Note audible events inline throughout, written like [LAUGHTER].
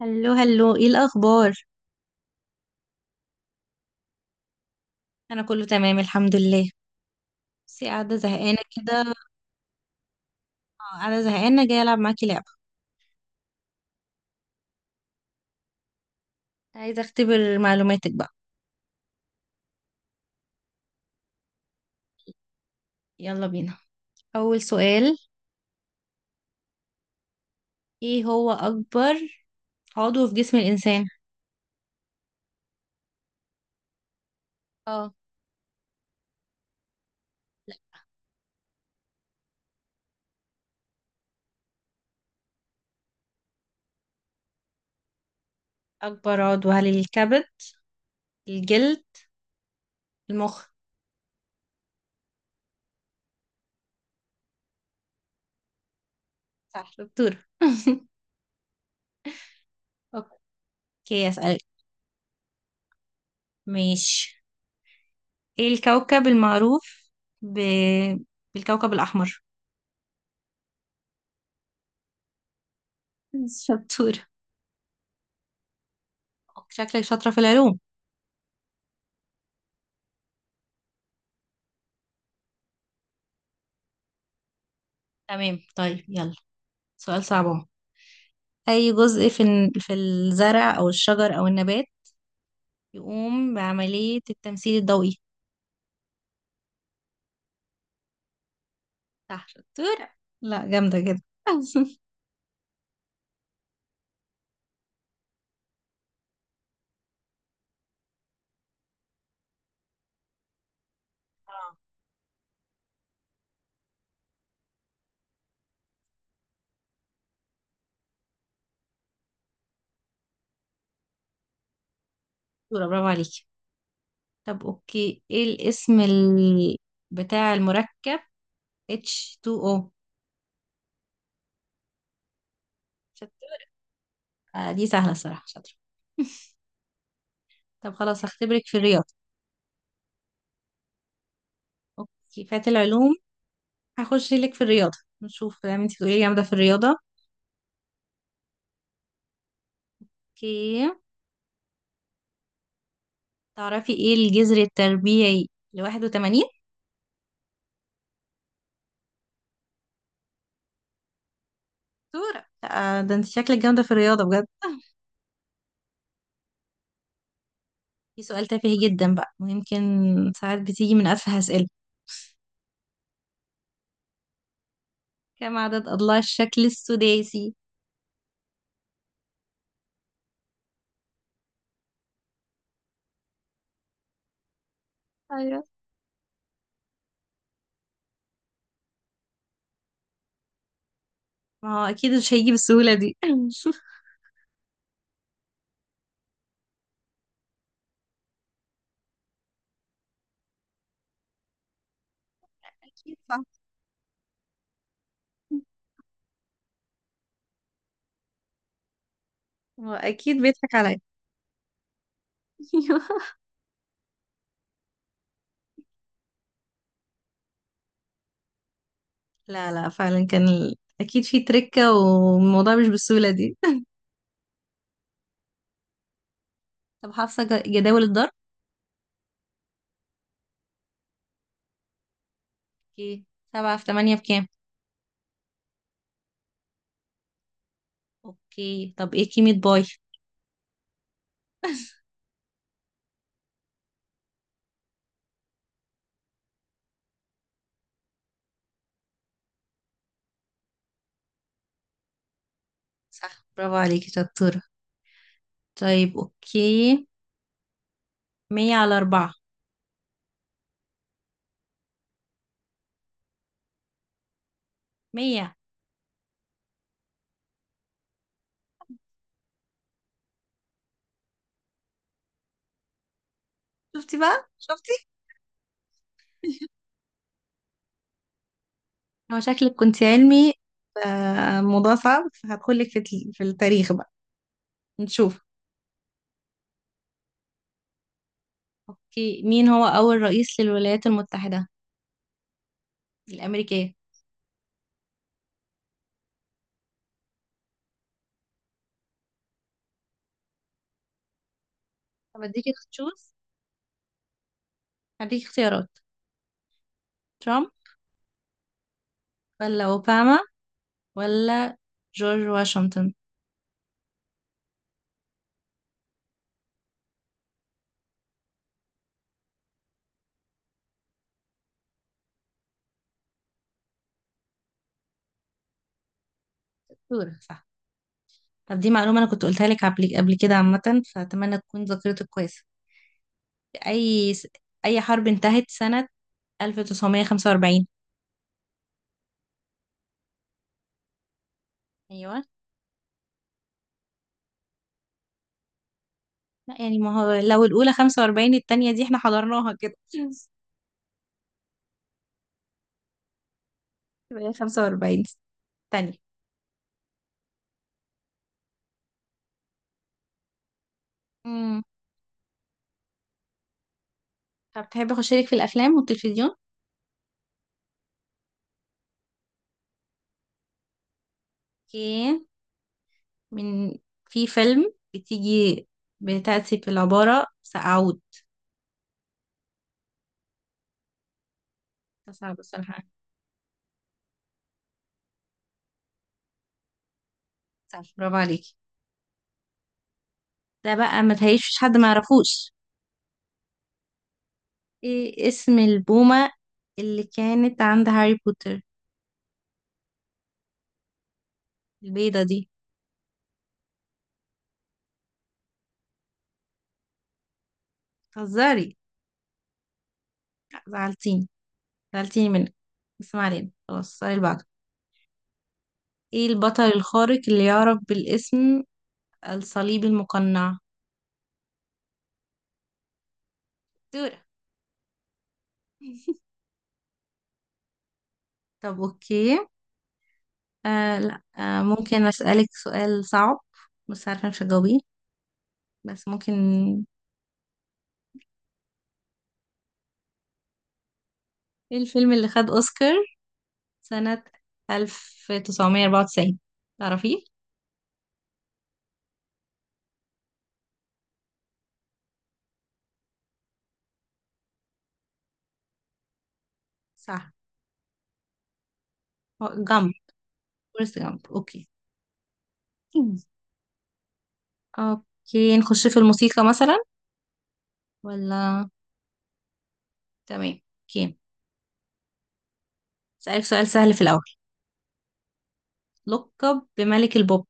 هلو هلو، ايه الاخبار؟ انا كله تمام الحمد لله. بس قاعده زهقانه كده. آه، قاعده زهقانه، جايه العب معاكي لعبه. عايزه اختبر معلوماتك بقى. يلا بينا. اول سؤال: ايه هو اكبر عضو في جسم الانسان؟ اه. لا. اكبر عضو هل الكبد، الجلد، المخ؟ صح دكتور. [LAUGHS] اوكي اسالك. ماشي. ايه الكوكب المعروف ب... بالكوكب الاحمر؟ [LAUGHS] شطورة. شكلك شاطره في العلوم. تمام طيب يلا، سؤال صعب. أي جزء في في الزرع أو الشجر أو النبات يقوم بعملية التمثيل الضوئي؟ صح شطورة. لا جامدة جدا. [LAUGHS] اه. شطورة برافو عليكي. طب أوكي، إيه الاسم بتاع المركب H2O؟ شطورة. آه دي سهلة الصراحة، شاطرة. طب خلاص هختبرك في الرياضة. اوكي، فات العلوم. هخش لك في الرياضة، نشوف بقى انتي تقولي لي جامدة في الرياضة. اوكي، تعرفي ايه الجذر التربيعي ل81؟ دكتورة. آه، ده انت شكلك جامدة في الرياضة بجد. [LAUGHS] في سؤال تافه جدا بقى، ويمكن ساعات بتيجي من أسهل أسئلة. كم عدد أضلاع الشكل السداسي؟ ايوه. ما هو أكيد مش هيجي بالسهولة دي. [LAUGHS] أكيد صح. هو أكيد بيضحك عليا. [LAUGHS] لا لا، فعلا كان أكيد في تركة، والموضوع مش بالسهولة دي. [LAUGHS] طب حافظة جداول الضرب؟ اوكي، سبعة في تمانية بكام؟ اوكي، طب ايه كيمة باي؟ صح برافو عليكي شطورة. طيب اوكي، مية على أربعة. مية. شفتي بقى، شفتي. هو شكلك كنت علمي. آه، موضوع صعب، فهدخلك في في التاريخ بقى. نشوف. اوكي، مين هو اول رئيس للولايات المتحدة الامريكية؟ طب اديكي تشوز، هديكي اختيارات: ترامب، ولا اوباما، ولا جورج واشنطن؟ دكتورة، صح. طب دي معلومة انا كنت قلتها لك قبل كده عامة، فاتمنى تكون ذاكرتك كويسة. اي س- اي حرب انتهت سنة 1945؟ ايوه. لا يعني، ما هو لو الأولى 45، التانية دي احنا حضرناها كده. [LAUGHS] يبقى هي 45، التانية. امم طب تحب أخش لك في الأفلام والتلفزيون؟ اوكي. من، في فيلم بتيجي، بتأتي في العبارة سأعود؟ ده صعب الصراحة. صعب، برافو عليكي. ده بقى ما تهيش حد ما يعرفوش. ايه اسم البومة اللي كانت عند هاري بوتر، البيضة دي؟ بتهزري؟ لأ، زعلتيني، زعلتيني منك. بس ما علينا، خلاص السؤال اللي بعده. ايه البطل الخارق اللي يعرف بالاسم الصليب المقنع؟ دورة. طب اوكي. آه لا آه ممكن اسألك سؤال صعب؟ بس عارفة مش هتجاوبيه، بس ممكن. ايه الفيلم اللي خد اوسكار سنة 1994؟ تعرفيه؟ صح. جامب. فورست جامب. اوكي. مم. اوكي نخش في الموسيقى مثلا، ولا؟ تمام اوكي. اسألك سؤال سهل في الاول. لقب بملك البوب.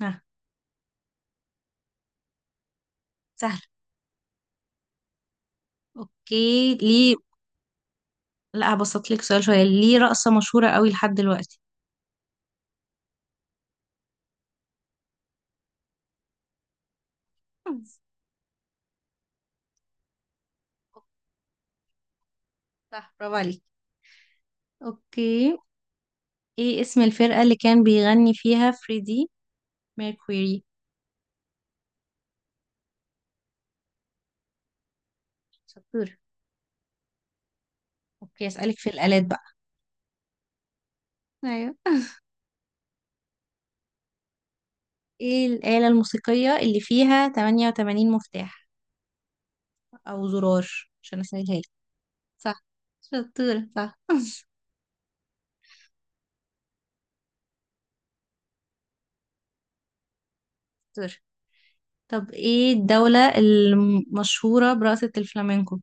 ها؟ سهل. اوكي ليه. لا هبسط لك سؤال شوية، ليه رقصة مشهورة قوي لحد دلوقتي. صح برافو عليك. اوكي، ايه اسم الفرقة اللي كان بيغني فيها فريدي ميركوري؟ شطور. اوكي اسألك في الآلات بقى. ايوه. [LAUGHS] ايه الآلة الموسيقية اللي فيها 88 مفتاح او زرار؟ عشان اسهلها لك. صح شطورة، صح شطورة. طب ايه الدولة المشهورة برقصة الفلامينكو؟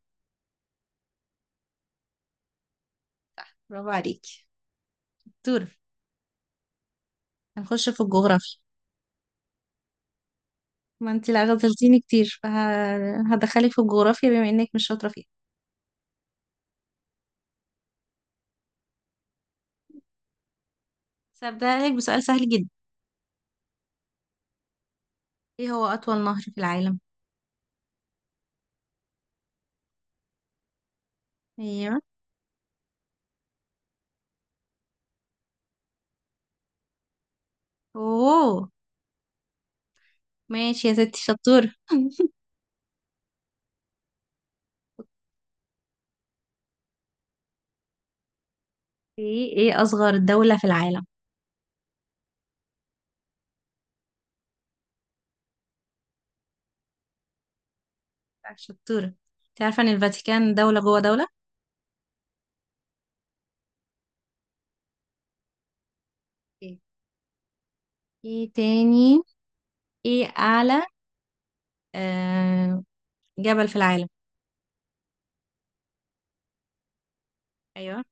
برافو عليكي، شطورة. هنخش في الجغرافيا. ما انتي لا غزلتيني كتير، فهدخلك في الجغرافيا بما انك مش شاطرة فيها. بس هبدأ لك بسؤال سهل جدا. ايه هو أطول نهر في العالم؟ ايوه. اوه، ماشي يا ستي شطورة. [LAUGHS] ايه أصغر دولة في العالم؟ لا، شطورة. انت عارفة ان الفاتيكان دولة جوه دولة؟ ايه، تاني. ايه أعلى آه... جبل في العالم؟ ايوه.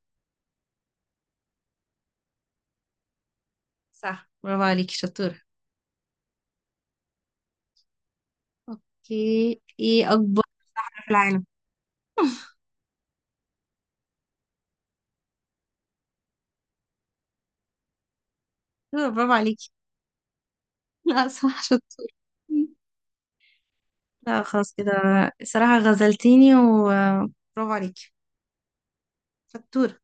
صح برافو عليكي شطورة. اوكي، ايه أكبر في العالم؟ شطورة، برافو عليكي. [LAUGHS] لا صح، شطورة. لا خلاص كده، الصراحة غزلتيني وبرافو عليكي. فاتورة.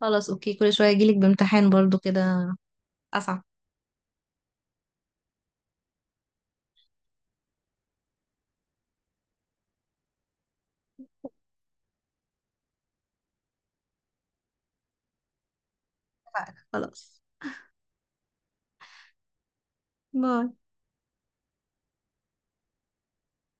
خلاص اوكي، كل شوية اجيلك بامتحان برضو كده، اصعب. اتفقنا. خلاص. باي.